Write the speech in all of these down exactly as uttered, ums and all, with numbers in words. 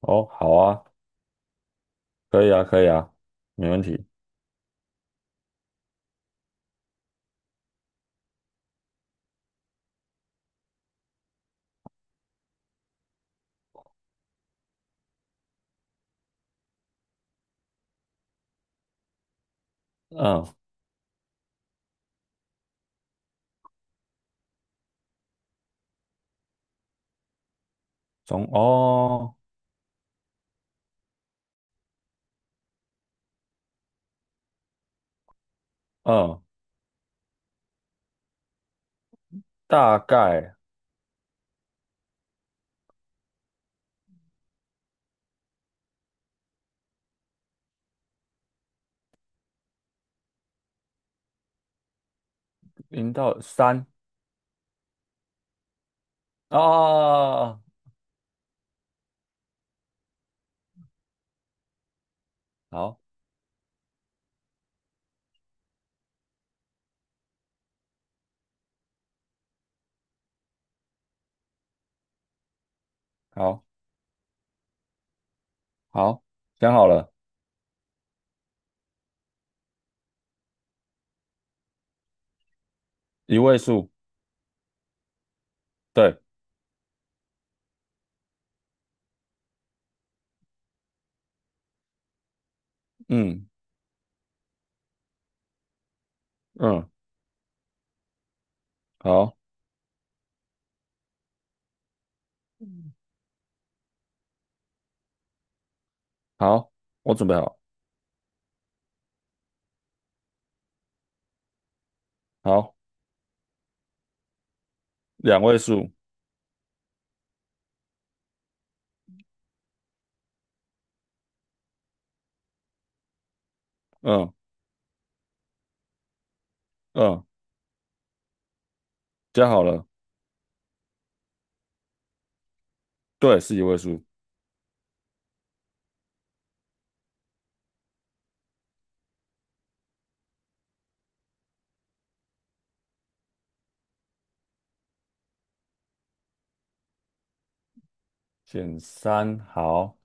哦，好啊，可以啊，可以啊，没问题。嗯，从哦，嗯，大概零到三啊，哦哦好，好，好，想好了，一位数，对，嗯嗯，好，嗯好，我准备好，好，两位数，嗯嗯，加好了，对，是一位数，选三，好，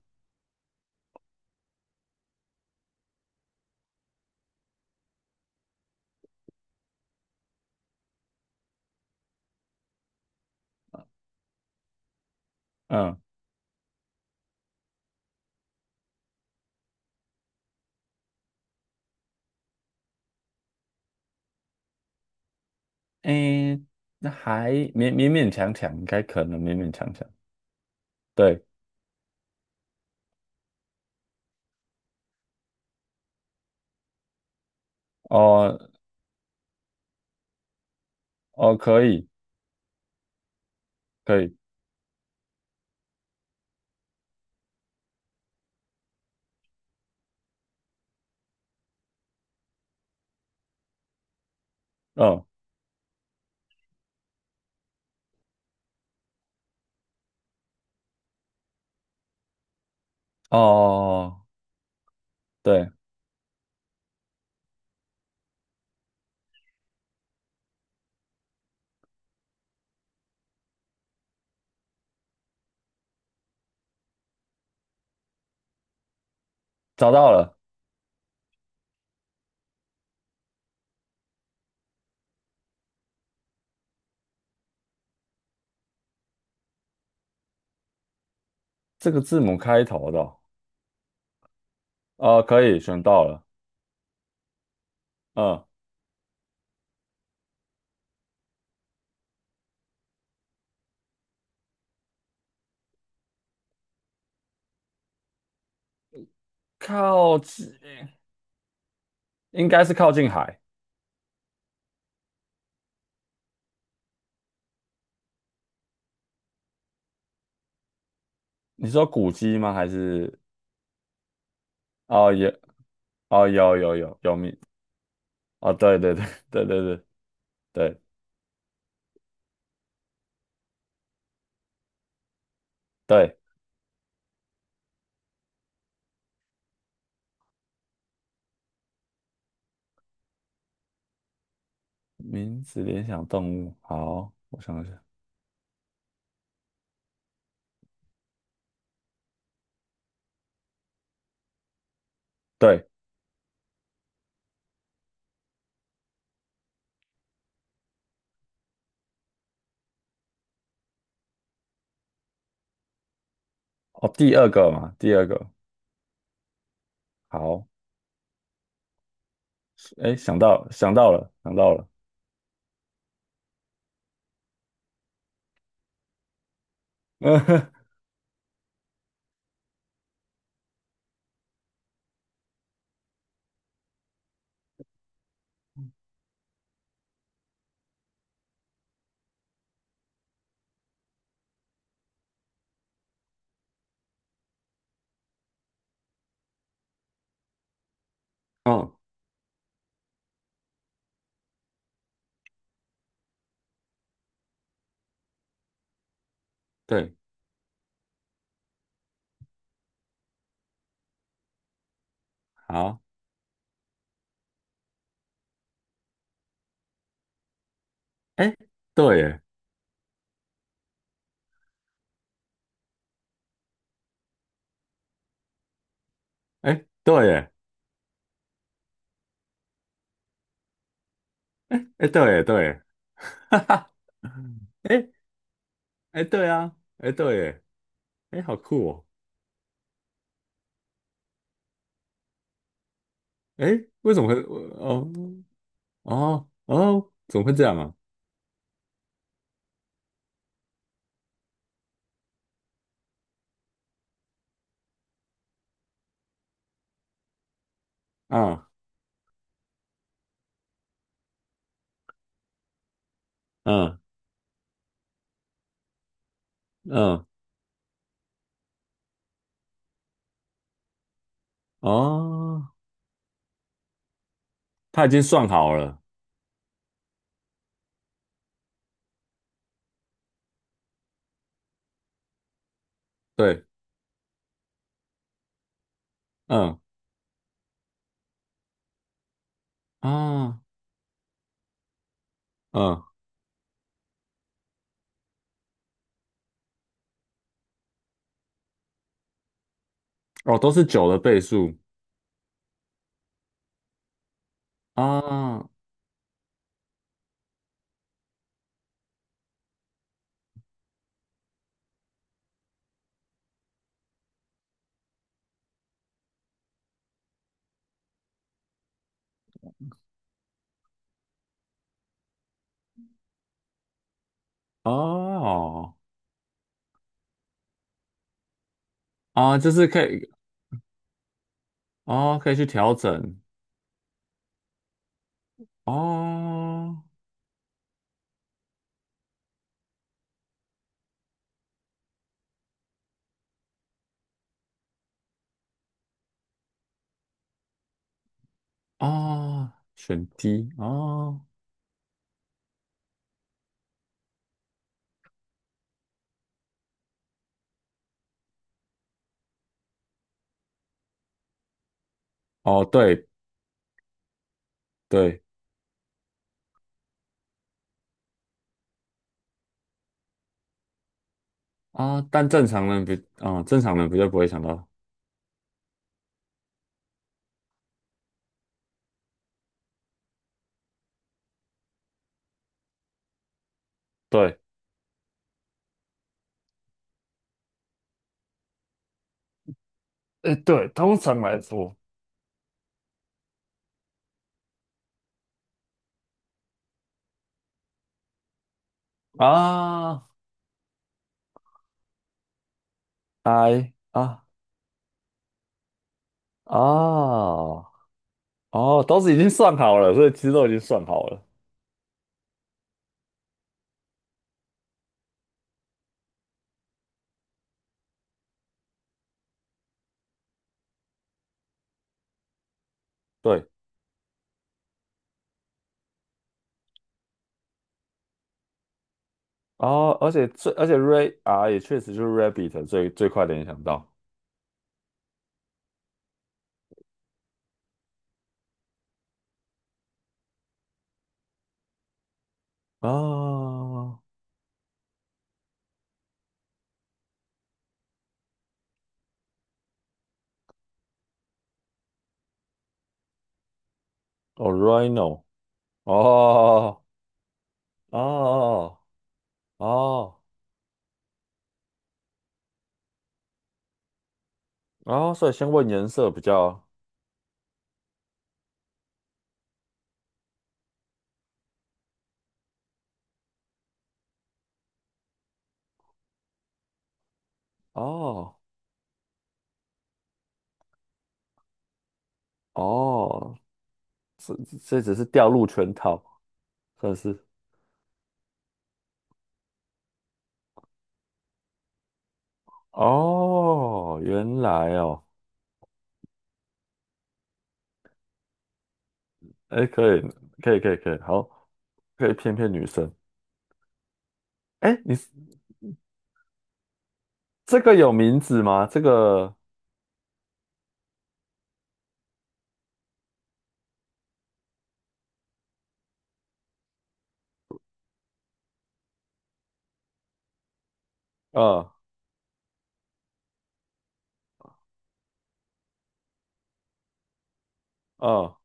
嗯，诶，那还勉勉勉强强，应该可能勉勉强强，对。哦，哦，可以，可以，嗯，哦，对，找到了，这个字母开头的哦，呃可以选到了，嗯，靠近，应该是靠近海。你说古迹吗？还是哦，有，哦，有，有，有，有名，哦，对，对，对 对，对，对，对，对，名字联想动物，好，我想一下，对，哦，第二个嘛，第二个，好，哎，想到，想到了，想到了，嗯，对，好，哎，对耶哎，对耶，哎哎对耶对耶，哈哈，哎哎对啊，哎对耶，哎好酷哦，哎为什么会哦哦哦怎么会这样啊？啊嗯嗯哦，他已经算好了，对，嗯啊嗯哦都是九的倍数啊哦啊，就是可以哦可以去调整哦哦选 D 哦哦对。对啊，但正常人比啊、正常人比较不会想到。对，哎，对，通常来说啊，哎啊啊哦，都是已经算好了，所以其实都已经算好了。对，哦，而且最而且 Ray 啊也确实就是 Rabbit 最最快联想到啊哦，Rhino 哦哦哦哦，所以先问颜色比较哦哦，这这只是掉入圈套，算是。哦，原来哦，哎，可以，可以，可以，可以，好，可以骗骗女生。哎，你是这个有名字吗？这个，呃呃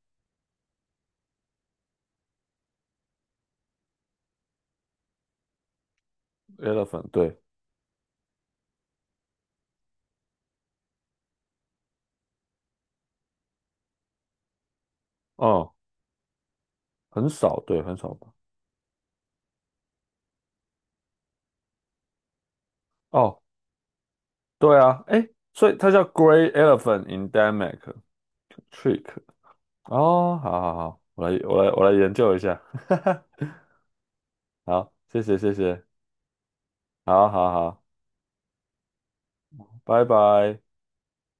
，elephant，对，哦，很少，对，很少吧。哦，对啊，哎，所以它叫 Grey Elephant Endemic Trick。哦，好好好，我来，我来，我来研究一下。好，谢谢，谢谢，好好好，拜拜。